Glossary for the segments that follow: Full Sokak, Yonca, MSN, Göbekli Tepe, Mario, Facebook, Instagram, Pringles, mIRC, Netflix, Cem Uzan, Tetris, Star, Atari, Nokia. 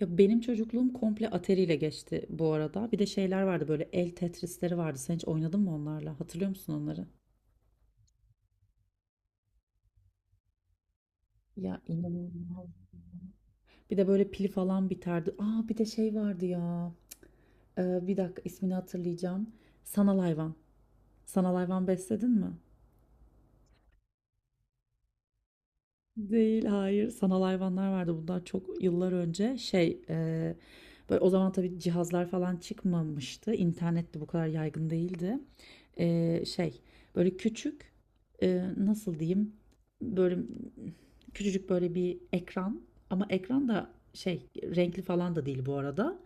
Ya benim çocukluğum komple Atari'yle geçti bu arada. Bir de şeyler vardı böyle el Tetris'leri vardı. Sen hiç oynadın mı onlarla? Hatırlıyor musun onları? Ya inanılmaz. Bir de böyle pil falan biterdi. Aa bir de şey vardı ya. Bir dakika ismini hatırlayacağım. Sanal hayvan. Sanal hayvan besledin mi? Değil, hayır. Sanal hayvanlar vardı. Bunlar çok yıllar önce. Şey, böyle o zaman tabii cihazlar falan çıkmamıştı. İnternet de bu kadar yaygın değildi. Şey böyle küçük nasıl diyeyim böyle küçücük böyle bir ekran ama ekran da şey renkli falan da değil bu arada.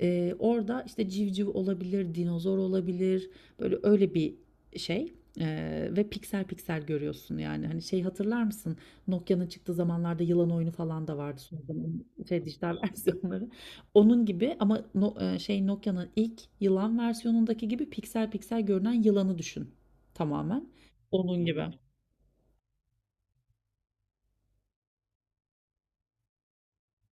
Orada işte civciv olabilir, dinozor olabilir böyle öyle bir şey. Ve piksel piksel görüyorsun yani hani şey hatırlar mısın Nokia'nın çıktığı zamanlarda yılan oyunu falan da vardı son zaman şey dijital versiyonları onun gibi ama şey Nokia'nın ilk yılan versiyonundaki gibi piksel piksel görünen yılanı düşün tamamen. Onun gibi.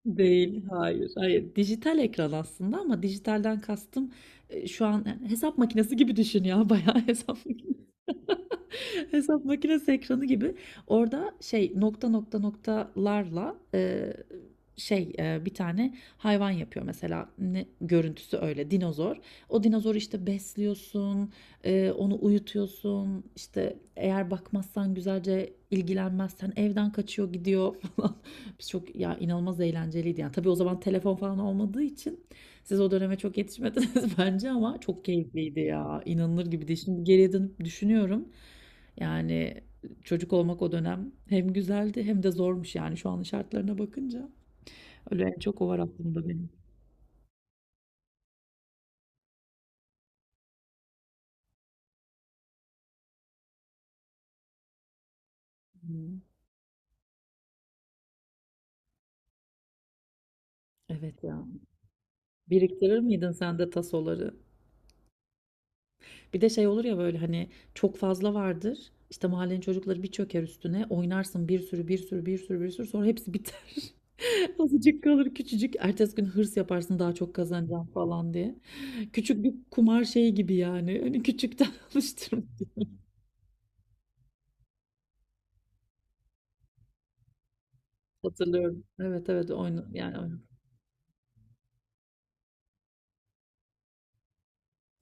Değil, hayır. Hayır, dijital ekran aslında ama dijitalden kastım şu an hesap makinesi gibi düşün ya bayağı hesap makinesi. Hesap makinesi ekranı gibi. Orada şey nokta nokta noktalarla bir tane hayvan yapıyor mesela ne, görüntüsü öyle dinozor. O dinozoru işte besliyorsun, onu uyutuyorsun. İşte eğer bakmazsan güzelce ilgilenmezsen evden kaçıyor gidiyor falan. Biz çok ya inanılmaz eğlenceliydi yani. Tabii o zaman telefon falan olmadığı için siz o döneme çok yetişmediniz bence ama çok keyifliydi ya. İnanılır gibi değil. Şimdi geriye dönüp düşünüyorum. Yani çocuk olmak o dönem hem güzeldi hem de zormuş yani şu an şartlarına bakınca. Öyle en çok o var aklımda benim. Hımm. Evet ya. Biriktirir miydin sen de tasoları? Bir de şey olur ya böyle hani çok fazla vardır. İşte mahallenin çocukları bir çöker üstüne oynarsın bir sürü bir sürü bir sürü bir sürü sonra hepsi biter. Azıcık kalır küçücük. Ertesi gün hırs yaparsın daha çok kazanacağım falan diye. Küçük bir kumar şeyi gibi yani. Hani küçükten alıştırma. Hatırlıyorum. Evet evet oyna yani oyna.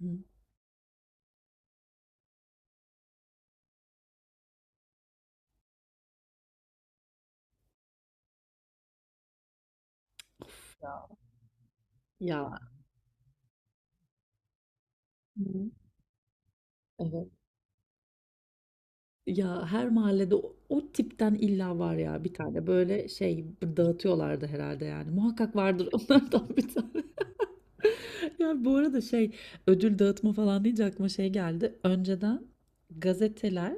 Hı. Ya. Hı. Evet. Ya her mahallede o, o tipten illa var ya bir tane böyle şey dağıtıyorlardı herhalde yani. Muhakkak vardır onlardan bir tane. Ya bu arada şey ödül dağıtma falan deyince aklıma şey geldi. Önceden gazeteler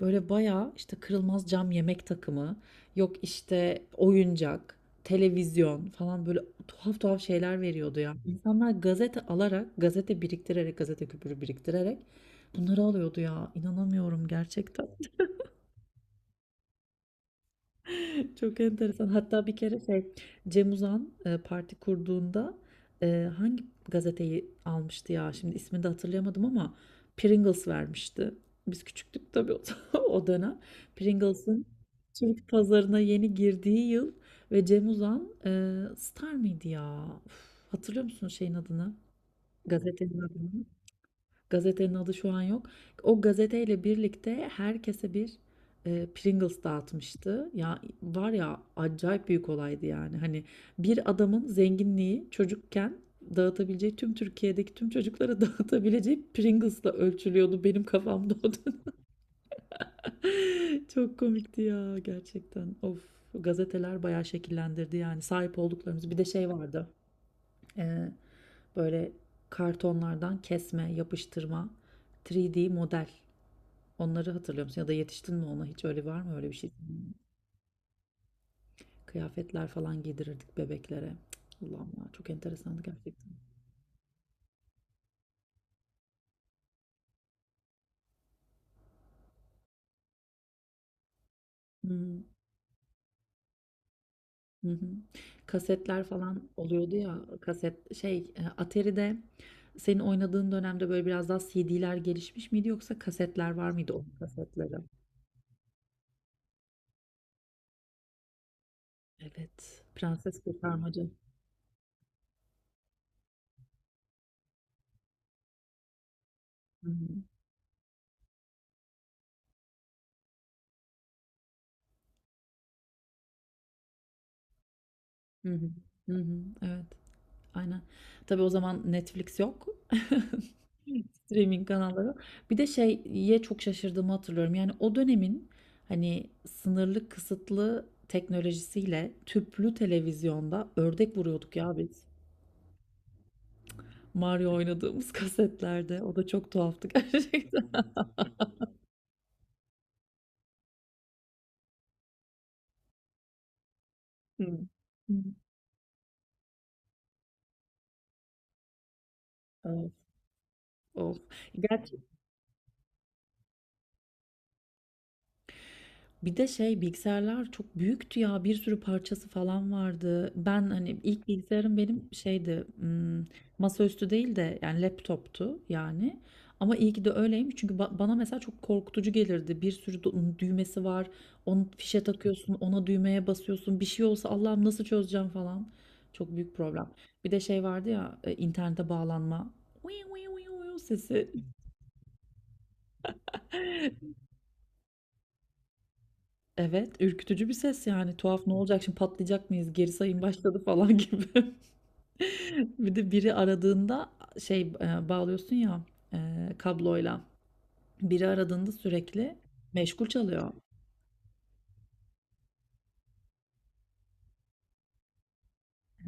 böyle bayağı işte kırılmaz cam yemek takımı, yok işte oyuncak, televizyon falan böyle tuhaf tuhaf şeyler veriyordu ya. İnsanlar gazete alarak, gazete biriktirerek, gazete küpürü biriktirerek bunları alıyordu ya. İnanamıyorum gerçekten. Çok enteresan. Hatta bir kere şey Cem Uzan parti kurduğunda hangi gazeteyi almıştı ya? Şimdi ismini de hatırlayamadım ama Pringles vermişti. Biz küçüktük tabii o, o dönem. Pringles'ın Türk pazarına yeni girdiği yıl ve Cem Uzan Star mıydı ya? Uf, hatırlıyor musun şeyin adını? Gazetenin adını. Gazetenin adı şu an yok. O gazeteyle birlikte herkese bir Pringles dağıtmıştı. Ya var ya acayip büyük olaydı yani. Hani bir adamın zenginliği çocukken dağıtabileceği tüm Türkiye'deki tüm çocuklara dağıtabileceği Pringles'la ölçülüyordu benim kafamda o dönem. Çok komikti ya gerçekten. Of gazeteler bayağı şekillendirdi yani sahip olduklarımız. Bir de şey vardı. e, Böyle kartonlardan kesme, yapıştırma, 3D model. Onları hatırlıyor musun? Ya da yetiştin mi ona? Hiç öyle var mı öyle bir şey? Kıyafetler falan giydirirdik bebeklere. Cık, Allah'ım ya çok enteresandı gerçekten. Hı hı. Hı. Kasetler falan oluyordu ya. Kaset şey Atari'de senin oynadığın dönemde böyle biraz daha CD'ler gelişmiş miydi yoksa kasetler var mıydı onun kasetleri? Evet. Prenses Kurtarmacı. Hı hı. Hı hı. Hı hı. Evet. Aynen. Tabii o zaman Netflix yok. Streaming kanalları. Bir de şeye çok şaşırdığımı hatırlıyorum. Yani o dönemin hani sınırlı kısıtlı teknolojisiyle tüplü televizyonda ördek vuruyorduk ya biz. Mario oynadığımız kasetlerde. O da çok tuhaftı gerçekten. Hı. Hı. Of, of. Gerçi bir de şey bilgisayarlar çok büyüktü ya bir sürü parçası falan vardı. Ben hani ilk bilgisayarım benim şeydi masaüstü değil de yani laptoptu yani. Ama iyi ki de öyleymiş çünkü bana mesela çok korkutucu gelirdi. Bir sürü düğmesi var. Onu fişe takıyorsun, ona düğmeye basıyorsun. Bir şey olsa Allah'ım nasıl çözeceğim falan. Çok büyük problem. Bir de şey vardı ya internete bağlanma. Uyu uyu uyu uyu sesi. Evet, ürkütücü bir ses yani. Tuhaf, "Ne olacak şimdi, patlayacak mıyız, geri sayım başladı." falan gibi. Bir de biri aradığında şey, bağlıyorsun ya, kabloyla. Biri aradığında sürekli meşgul çalıyor.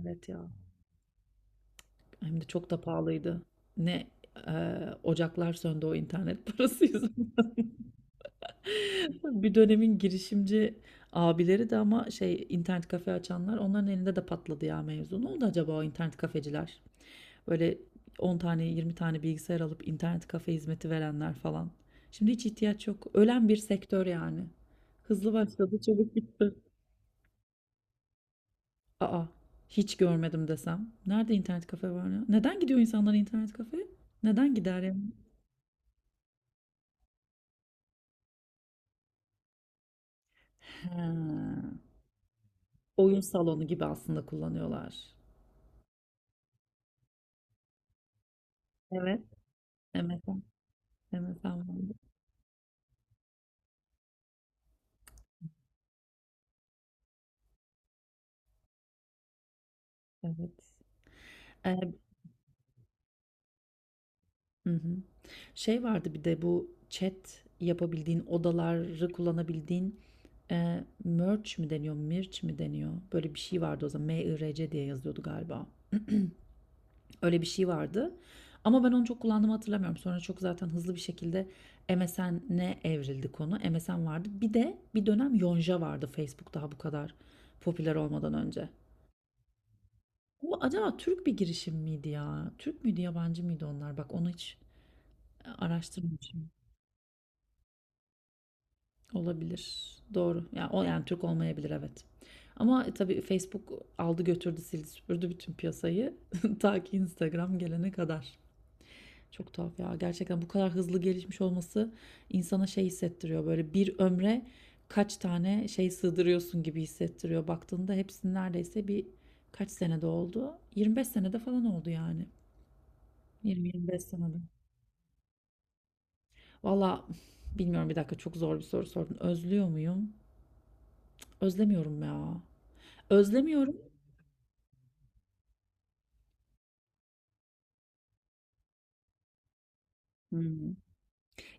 Evet ya, hem de çok da pahalıydı. Ne, ocaklar söndü o internet parası yüzünden. Bir dönemin girişimci abileri de ama şey, internet kafe açanlar, onların elinde de patladı ya mevzu. Ne oldu acaba o internet kafeciler? Böyle 10 tane 20 tane bilgisayar alıp internet kafe hizmeti verenler falan. Şimdi hiç ihtiyaç yok. Ölen bir sektör yani. Hızlı başladı, çabuk bitti. Aa, hiç görmedim desem. Nerede internet kafe var ya? Neden gidiyor insanlar internet kafeye? Neden gider yani? Ha, oyun salonu gibi aslında kullanıyorlar. Evet. MSN. MSN vardı. Evet. Ee, hı hı. Şey vardı bir de bu chat yapabildiğin, odaları kullanabildiğin merge mi deniyor, mirç mi deniyor? Böyle bir şey vardı o zaman. M-I-R-C diye yazıyordu galiba. Öyle bir şey vardı. Ama ben onu çok kullandığımı hatırlamıyorum. Sonra çok zaten hızlı bir şekilde MSN'e evrildi konu. MSN vardı. Bir de bir dönem Yonca vardı Facebook daha bu kadar popüler olmadan önce. Bu acaba Türk bir girişim miydi ya? Türk müydü, yabancı mıydı onlar? Bak onu hiç araştırmamışım. Olabilir. Doğru. Yani o yani Türk olmayabilir evet. Ama tabii Facebook aldı götürdü sildi süpürdü bütün piyasayı ta ki Instagram gelene kadar. Çok tuhaf ya. Gerçekten bu kadar hızlı gelişmiş olması insana şey hissettiriyor. Böyle bir ömre kaç tane şey sığdırıyorsun gibi hissettiriyor. Baktığında hepsinin neredeyse bir kaç senede oldu? 25 senede falan oldu yani. 20-25 senede. Valla bilmiyorum bir dakika çok zor bir soru sordun. Özlüyor muyum? Özlemiyorum ya. Özlemiyorum. Hıı.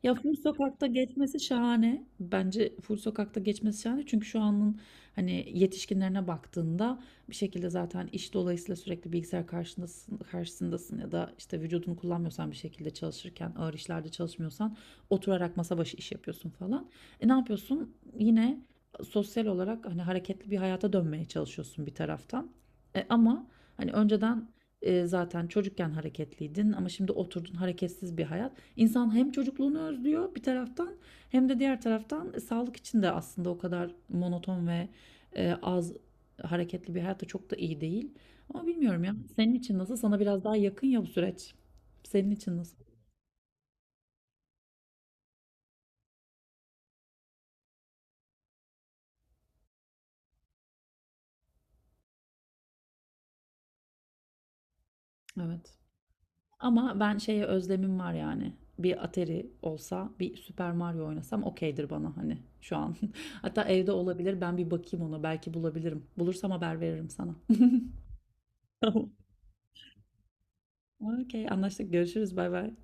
Ya Full Sokak'ta geçmesi şahane. Bence Full Sokak'ta geçmesi şahane. Çünkü şu anın hani yetişkinlerine baktığında bir şekilde zaten iş dolayısıyla sürekli bilgisayar karşındasın, karşısındasın ya da işte vücudunu kullanmıyorsan bir şekilde çalışırken ağır işlerde çalışmıyorsan oturarak masa başı iş yapıyorsun falan. E ne yapıyorsun? Yine sosyal olarak hani hareketli bir hayata dönmeye çalışıyorsun bir taraftan. E ama hani önceden zaten çocukken hareketliydin ama şimdi oturdun hareketsiz bir hayat. İnsan hem çocukluğunu özlüyor bir taraftan hem de diğer taraftan sağlık için de aslında o kadar monoton ve az hareketli bir hayat da çok da iyi değil. Ama bilmiyorum ya. Senin için nasıl? Sana biraz daha yakın ya bu süreç. Senin için nasıl? Evet. Ama ben şeye özlemim var yani. Bir Atari olsa, bir Super Mario oynasam okeydir bana hani şu an. Hatta evde olabilir. Ben bir bakayım ona. Belki bulabilirim. Bulursam haber veririm sana. Tamam. Okey, anlaştık. Görüşürüz. Bay bay.